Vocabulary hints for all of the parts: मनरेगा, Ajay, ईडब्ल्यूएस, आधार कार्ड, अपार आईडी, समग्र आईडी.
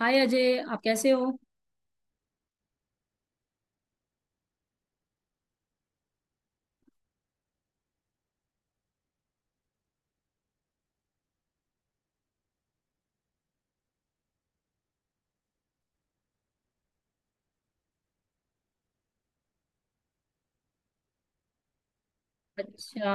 हाय अजय, आप कैसे हो? अच्छा।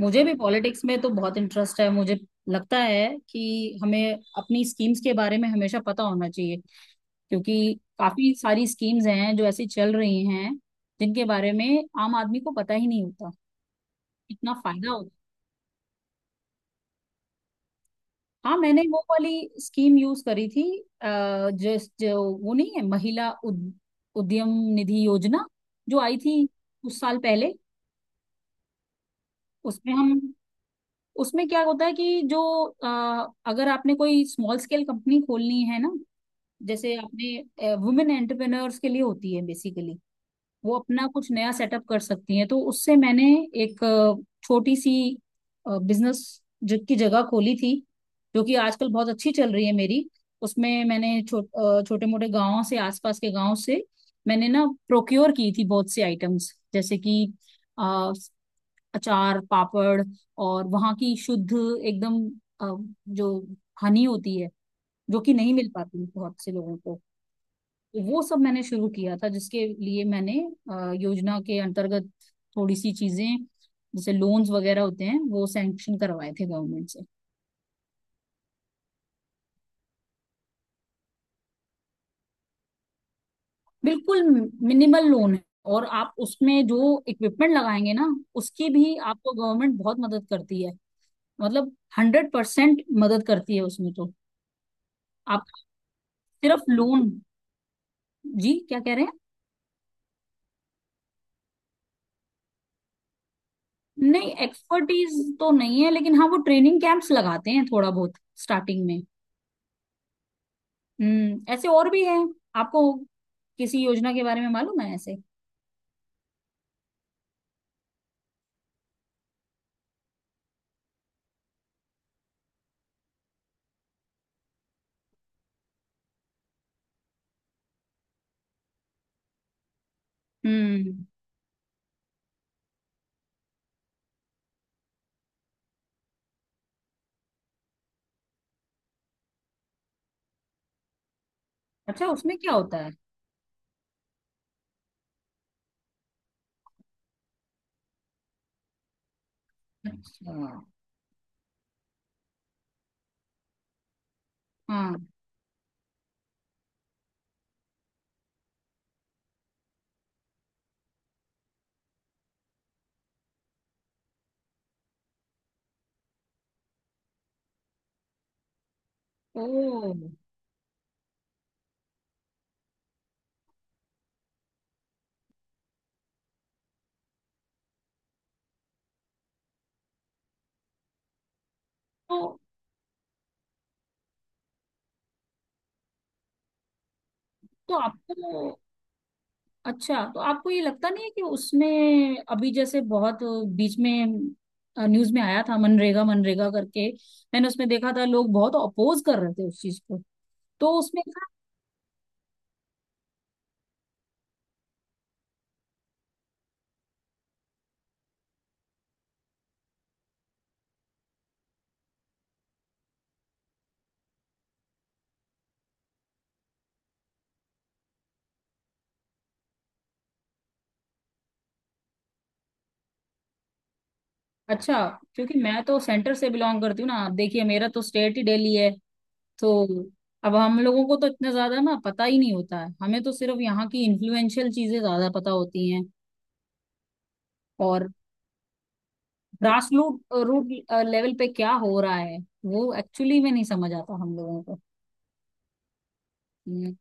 मुझे भी पॉलिटिक्स में तो बहुत इंटरेस्ट है। मुझे लगता है कि हमें अपनी स्कीम्स के बारे में हमेशा पता होना चाहिए, क्योंकि काफी सारी स्कीम्स हैं जो ऐसी चल रही हैं जिनके बारे में आम आदमी को पता ही नहीं होता। इतना फायदा होता। हाँ, मैंने वो वाली स्कीम यूज करी थी। अ, जो जो वो नहीं है, महिला उद्यम निधि योजना, जो आई थी कुछ साल पहले। उसमें हम उसमें क्या होता है कि जो, अगर आपने कोई स्मॉल स्केल कंपनी खोलनी है ना, जैसे आपने वुमेन एंटरप्रेन्योर्स के लिए होती है बेसिकली, वो अपना कुछ नया सेटअप कर सकती हैं। तो उससे मैंने एक छोटी सी बिजनेस की जगह खोली थी, जो कि आजकल बहुत अच्छी चल रही है मेरी। उसमें मैंने छोटे मोटे गांवों से, आसपास के गांव से मैंने ना प्रोक्योर की थी बहुत से आइटम्स, जैसे कि अचार, पापड़, और वहाँ की शुद्ध एकदम अ, जो हनी होती है, जो कि नहीं मिल पाती बहुत से लोगों को। तो वो सब मैंने शुरू किया था, जिसके लिए मैंने योजना के अंतर्गत थोड़ी सी चीजें जैसे लोन्स वगैरह होते हैं वो सैंक्शन करवाए थे गवर्नमेंट से। बिल्कुल। मिनिमल लोन है, और आप उसमें जो इक्विपमेंट लगाएंगे ना, उसकी भी आपको गवर्नमेंट बहुत मदद करती है। मतलब 100% मदद करती है उसमें तो। आप सिर्फ लोन। जी, क्या कह रहे हैं? नहीं, एक्सपर्टीज तो नहीं है, लेकिन हाँ वो ट्रेनिंग कैंप्स लगाते हैं थोड़ा बहुत स्टार्टिंग में। हम्म। ऐसे और भी है आपको किसी योजना के बारे में मालूम है ऐसे? हम्म। अच्छा, उसमें क्या होता है? अच्छा। हाँ। ओ। तो। तो आपको अच्छा, तो आपको ये लगता नहीं है कि उसमें अभी जैसे बहुत बीच में न्यूज में आया था, मनरेगा मनरेगा करके? मैंने उसमें देखा था लोग बहुत अपोज कर रहे थे उस चीज को। तो उसमें अच्छा। क्योंकि मैं तो सेंटर से बिलोंग करती हूँ ना, आप देखिए मेरा तो स्टेट ही दिल्ली है। तो अब हम लोगों को तो इतना ज्यादा ना पता ही नहीं होता है, हमें तो सिर्फ यहाँ की इन्फ्लुएंशियल चीजें ज्यादा पता होती हैं। और ग्रास रूट रूट लेवल पे क्या हो रहा है वो एक्चुअली में नहीं समझ आता हम लोगों को। हम्म।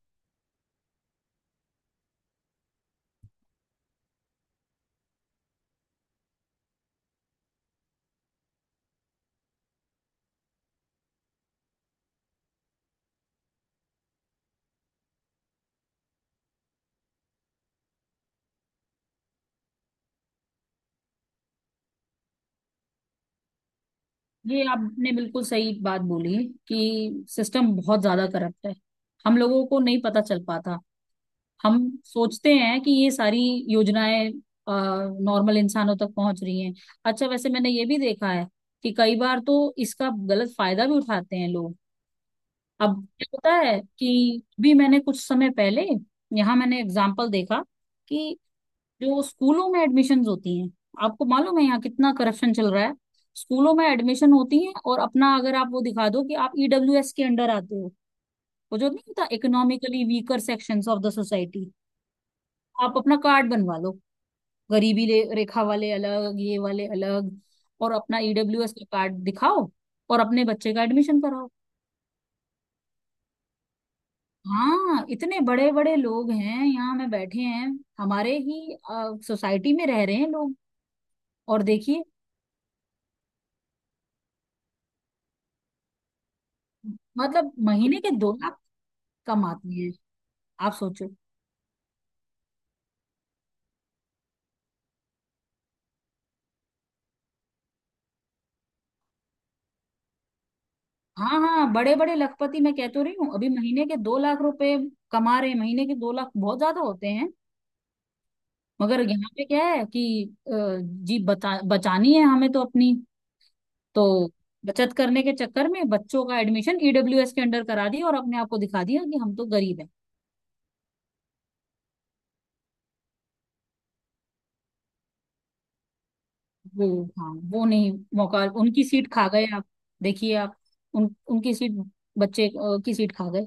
ये आपने बिल्कुल सही बात बोली कि सिस्टम बहुत ज्यादा करप्ट है, हम लोगों को नहीं पता चल पाता। हम सोचते हैं कि ये सारी योजनाएं नॉर्मल इंसानों तक पहुंच रही हैं। अच्छा, वैसे मैंने ये भी देखा है कि कई बार तो इसका गलत फायदा भी उठाते हैं लोग। अब क्या होता है कि भी मैंने कुछ समय पहले यहाँ मैंने एग्जाम्पल देखा कि जो स्कूलों में एडमिशन्स होती हैं, आपको मालूम है यहाँ कितना करप्शन चल रहा है? स्कूलों में एडमिशन होती है, और अपना अगर आप वो दिखा दो कि आप EWS के अंडर आते हो, वो जो नहीं होता, economically weaker sections of the society, आप अपना कार्ड बनवा लो। गरीबी रेखा वाले अलग, ये वाले अलग। और अपना EWS का कार्ड दिखाओ और अपने बच्चे का एडमिशन कराओ। हाँ, इतने बड़े बड़े लोग हैं यहाँ में बैठे हैं, हमारे ही सोसाइटी में रह रहे हैं लोग। और देखिए, मतलब महीने के 2 लाख कमाते हैं। आप सोचो। हाँ हाँ, बड़े बड़े लखपति, मैं कह तो रही हूँ, अभी महीने के 2 लाख रुपए कमा रहे हैं। महीने के 2 लाख बहुत ज्यादा होते हैं। मगर यहाँ पे क्या है कि अ, जी बता बचानी है हमें तो अपनी, तो बचत करने के चक्कर में बच्चों का एडमिशन EWS के अंडर करा दिया और अपने आप को दिखा दिया कि हम तो गरीब हैं। वो हाँ, वो नहीं मौका, उनकी सीट खा गए आप। देखिए आप, उन उनकी सीट, बच्चे की सीट खा गए।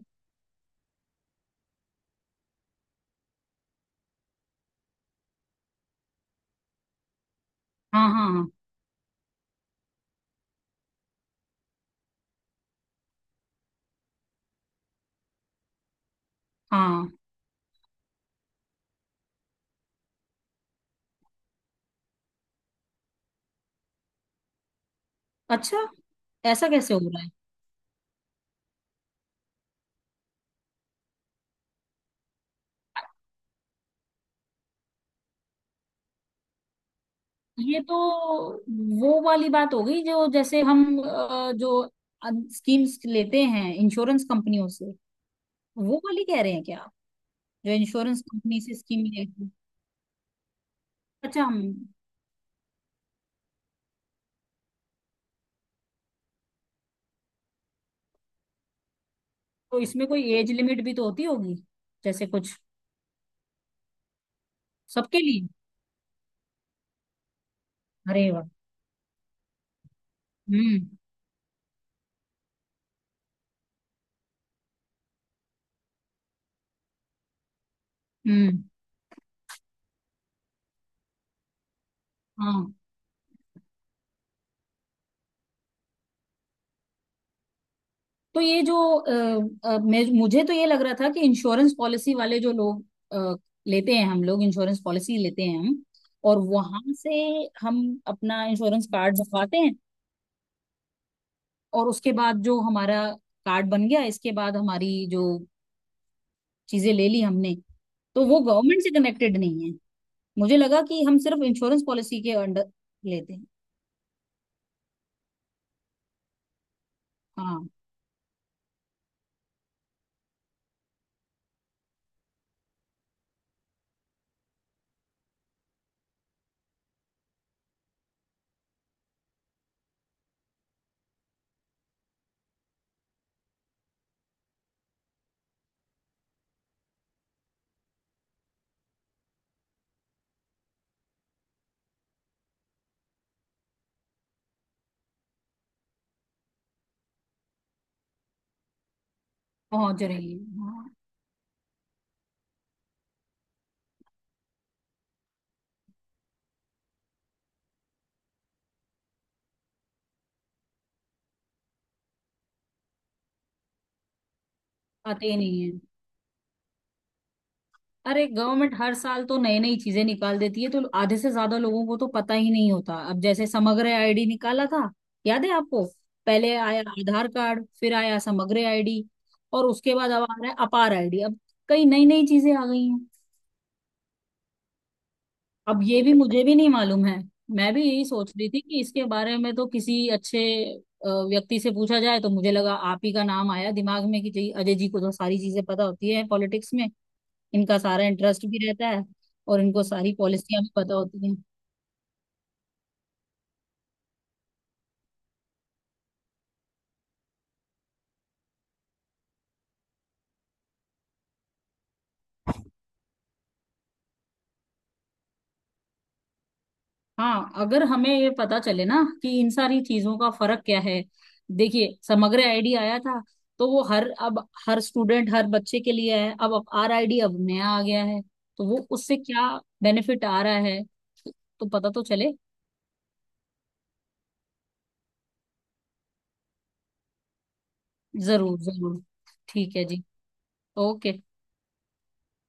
हाँ हाँ हाँ। अच्छा, ऐसा कैसे हो रहा है? ये तो वो वाली बात हो गई, जो जैसे हम, जो स्कीम्स लेते हैं इंश्योरेंस कंपनियों से, वो वाली कह रहे हैं क्या आप? जो इंश्योरेंस कंपनी से स्कीम लेते हैं? अच्छा, तो इसमें कोई एज लिमिट भी तो होती होगी, जैसे कुछ? सबके लिए? अरे वाह। हम्म। हम्म। हाँ। तो ये जो मैं मुझे तो ये लग रहा था कि इंश्योरेंस पॉलिसी वाले जो लोग अ, लेते हैं, हम लोग इंश्योरेंस पॉलिसी लेते हैं हम, और वहां से हम अपना इंश्योरेंस कार्ड बनवाते हैं, और उसके बाद जो हमारा कार्ड बन गया, इसके बाद हमारी जो चीजें ले ली हमने, तो वो गवर्नमेंट से कनेक्टेड नहीं है। मुझे लगा कि हम सिर्फ इंश्योरेंस पॉलिसी के अंडर लेते हैं। हाँ, पहुंच रही है, हाँ। आते ही नहीं है। अरे, गवर्नमेंट हर साल तो नई नई चीजें निकाल देती है, तो आधे से ज्यादा लोगों को तो पता ही नहीं होता। अब जैसे समग्र आईडी निकाला था, याद है आपको? पहले आया आधार कार्ड, फिर आया समग्र आईडी, और उसके बाद अब आ रहा है अपार आईडी अब। कई नई नई चीजें आ गई हैं। अब ये भी मुझे भी नहीं मालूम है। मैं भी यही सोच रही थी कि इसके बारे में तो किसी अच्छे व्यक्ति से पूछा जाए, तो मुझे लगा आप ही का नाम आया दिमाग में कि अजय जी को तो सारी चीजें पता होती है पॉलिटिक्स में, इनका सारा इंटरेस्ट भी रहता है, और इनको सारी पॉलिसियां भी पता होती हैं। हाँ, अगर हमें ये पता चले ना कि इन सारी चीजों का फर्क क्या है। देखिए, समग्र आईडी आया था, तो वो हर, अब हर स्टूडेंट हर बच्चे के लिए है। अब RID अब नया आ गया है, तो वो उससे क्या बेनिफिट आ रहा है, तो पता तो चले। जरूर जरूर। ठीक है जी। ओके।